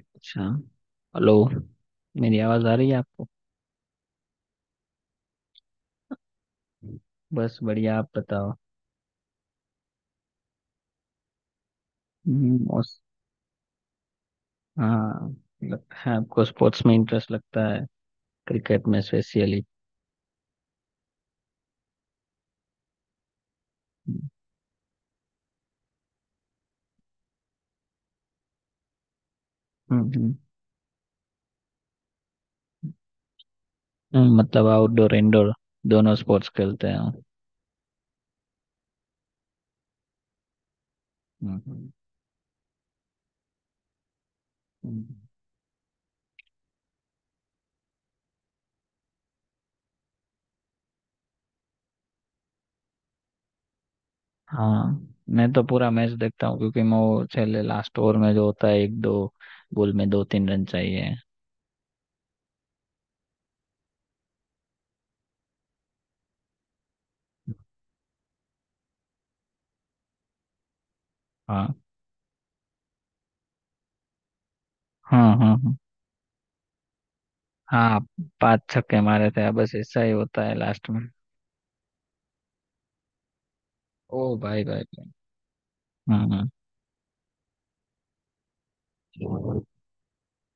अच्छा। हेलो। मेरी आवाज़ आ रही है आपको? बस बढ़िया, आप बताओ। और? हाँ। लगता है आपको स्पोर्ट्स में इंटरेस्ट लगता है, क्रिकेट में स्पेशली। हम्म। हम्म, मतलब आउटडोर इंडोर दोनों स्पोर्ट्स खेलते हैं? हम्म, हम्म। हम्म। हाँ, मैं तो पूरा मैच देखता हूँ क्योंकि मैं वो पहले लास्ट ओवर में जो होता है, एक दो बॉल में दो तीन रन चाहिए। हाँ हाँ हाँ हाँ। हाँ। पांच छक्के मारे थे, बस ऐसा ही होता है लास्ट में। ओ भाई भाई। हम्म।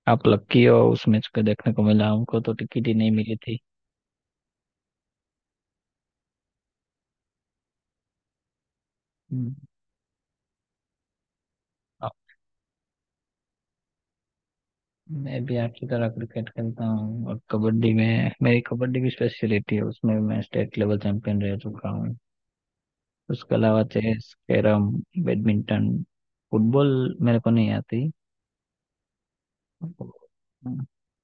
आप लकी हो, उस मैच को देखने को मिला, हमको तो टिकट ही नहीं मिली थी। हम्म, अब मैं भी आपकी तरह क्रिकेट खेलता हूँ, और कबड्डी में मेरी, कबड्डी की स्पेशलिटी है, उसमें मैं स्टेट लेवल चैंपियन रह चुका हूँ। उसके अलावा चेस, कैरम, बैडमिंटन, फुटबॉल मेरे को नहीं आती।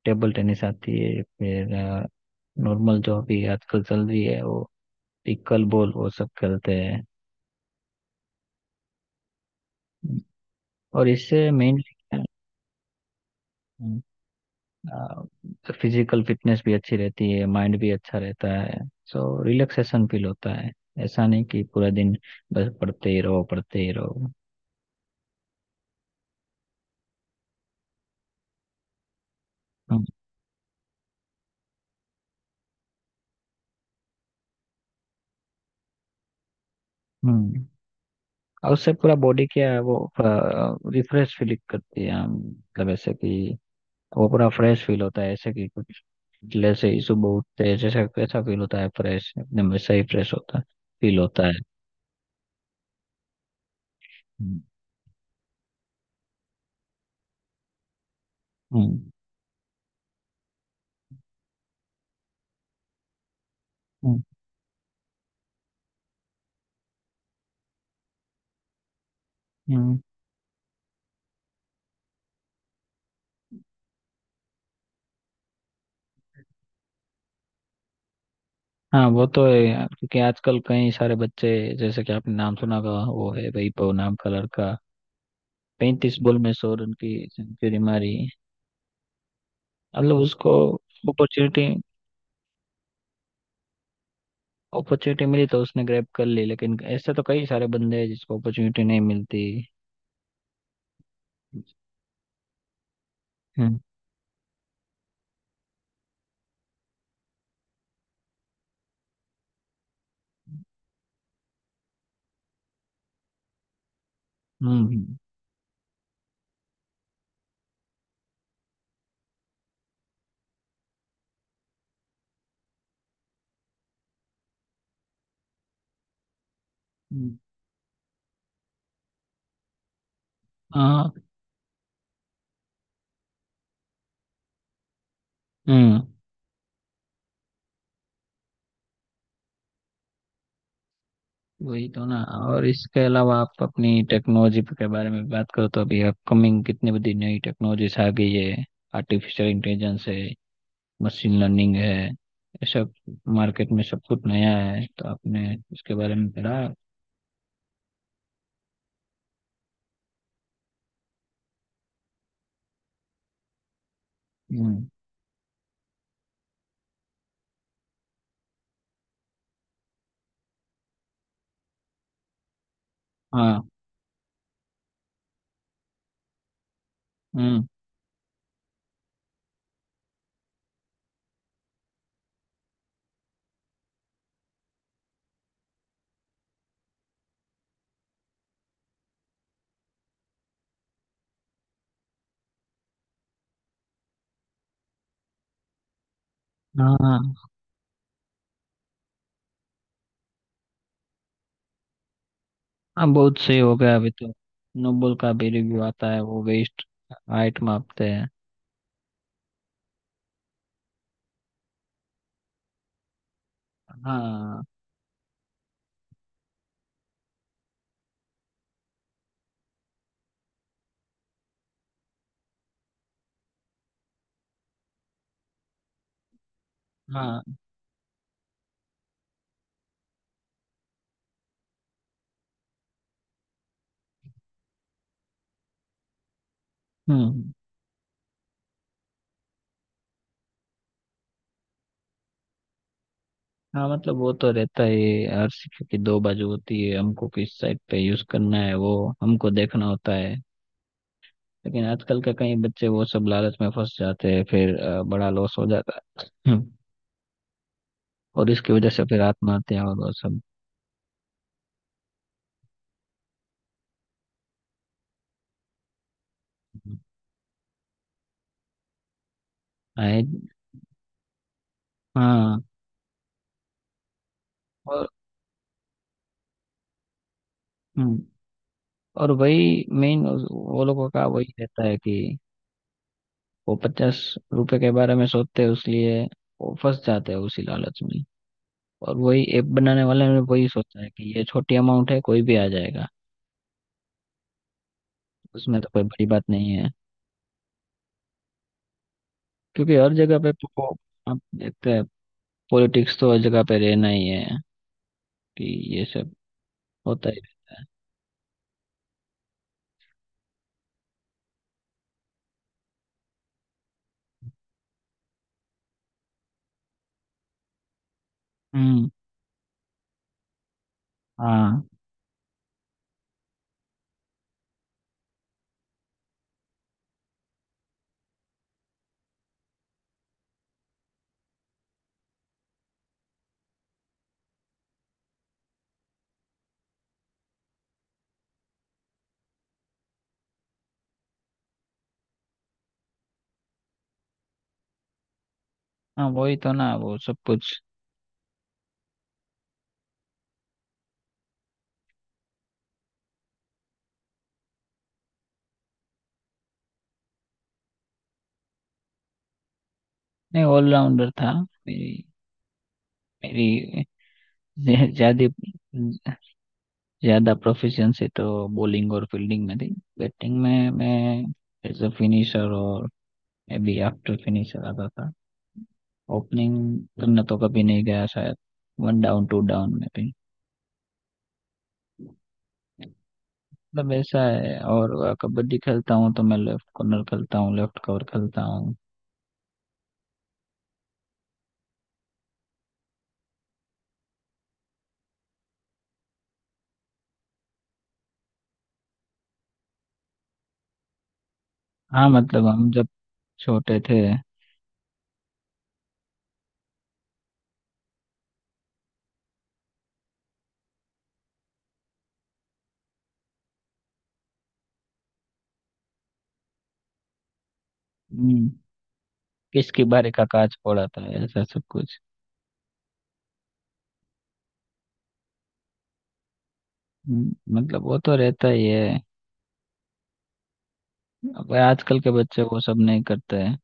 टेबल टेनिस आती है। फिर नॉर्मल जो अभी आजकल चल रही है, वो पिकल बॉल, वो सब खेलते हैं। और इससे मेनली फिजिकल फिटनेस भी अच्छी रहती है, माइंड भी अच्छा रहता है, सो रिलैक्सेशन फील होता है। ऐसा नहीं कि पूरा दिन बस पढ़ते ही रहो पढ़ते ही रहो। हम्म। हम्म। और उससे पूरा बॉडी क्या है, वो रिफ्रेश फील करती है, हम मतलब ऐसे कि वो पूरा फ्रेश फील होता है, ऐसे कि कुछ, जैसे ही सुबह उठते हैं जैसे कैसा फील होता है फ्रेश एकदम, वैसा ही फ्रेश होता है, फील होता है। हम्म। हम्म। हम्म, हम्म। हाँ, वो तो है यार, क्योंकि आजकल कई सारे बच्चे, जैसे कि आपने नाम सुना होगा, वो है वैभव नाम का लड़का, 35 बॉल में 100 रन की सेंचुरी मारी। मतलब उसको अपॉर्चुनिटी अपॉर्चुनिटी मिली तो उसने ग्रैब कर ली, लेकिन ऐसे तो कई सारे बंदे हैं जिसको अपॉर्चुनिटी नहीं मिलती। हम्म। हम्म। हम्म, हाँ। हम्म। वही तो ना। और इसके अलावा, आप अपनी टेक्नोलॉजी के बारे में बात करो तो अभी अपकमिंग कितनी बड़ी नई टेक्नोलॉजीज आ गई है। आर्टिफिशियल इंटेलिजेंस है, मशीन लर्निंग है, ये सब मार्केट में सब कुछ नया है, तो आपने इसके बारे में पढ़ा? हम्म। हाँ। हम्म। हाँ। हाँ। हाँ, बहुत सही हो गया अभी तो। नोबल का भी रिव्यू आता है, वो वेस्ट, हाइट मापते हैं। हाँ। हाँ। हम्म। हाँ, मतलब वो तो रहता ही है, हर सिक्के की दो बाजू होती है, हमको किस साइड पे यूज करना है वो हमको देखना होता है। लेकिन आजकल के कई बच्चे वो सब लालच में फंस जाते हैं, फिर बड़ा लॉस हो जाता है। और इसकी वजह से फिर आत्महत्या और वो सब। आए। हाँ। और हम्म, और वही मेन वो लोगों का वही रहता है कि वो 50 रुपए के बारे में सोचते हैं, इसलिए वो फंस जाते हैं उसी लालच में। और वही ऐप बनाने वाले ने वही सोचा है कि ये छोटी अमाउंट है, कोई भी आ जाएगा। उसमें तो कोई बड़ी बात नहीं है। क्योंकि हर जगह पे आप देखते हैं, पॉलिटिक्स तो हर जगह पे रहना ही है, कि ये सब होता ही रहता है। हम्म। हाँ। हाँ, वही तो ना, वो सब कुछ। नहीं, ऑलराउंडर था। मेरी मेरी ज्यादा, ज्यादा प्रोफिशिएंसी तो बॉलिंग और फील्डिंग में थी। बैटिंग में मैं एज अ फिनिशर, और मे बी आफ्टर फिनिशर आता था। ओपनिंग करना तो कभी नहीं गया शायद, वन डाउन टू डाउन में भी। मतलब ऐसा है। और कबड्डी खेलता हूँ तो मैं लेफ्ट कॉर्नर खेलता हूँ, लेफ्ट कवर खेलता हूँ। हाँ, मतलब हम जब छोटे थे। हम्म, किसकी बारी का काज पड़ा था, ऐसा सब कुछ। मतलब वो तो रहता ही है। अब आजकल के बच्चे वो सब नहीं करते हैं।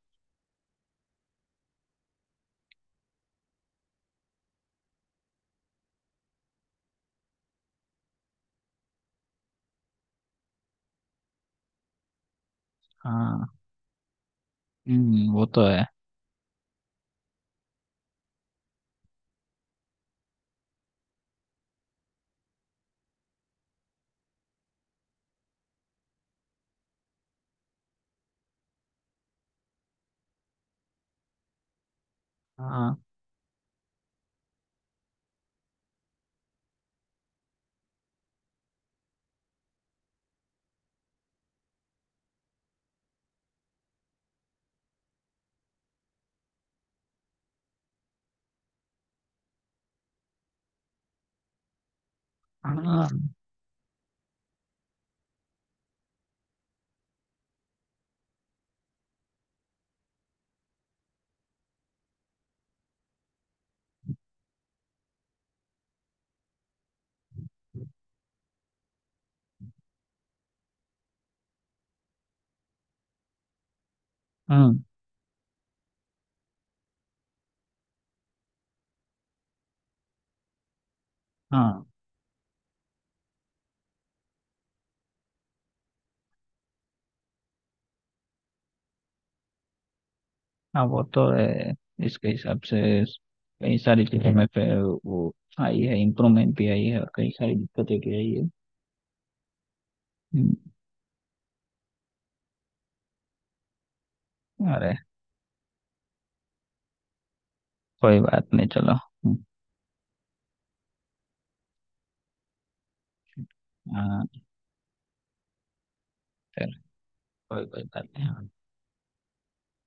हाँ। वो तो है। हाँ। हाँ। हम्म, हाँ। हाँ, वो तो है, इसके हिसाब से कई सारी चीजों में पे वो आई है, इम्प्रूवमेंट भी आई है और कई सारी दिक्कतें भी आई है। हम्म, अरे कोई बात नहीं, चलो। हाँ। चलो। कोई कोई बात नहीं। हाँ।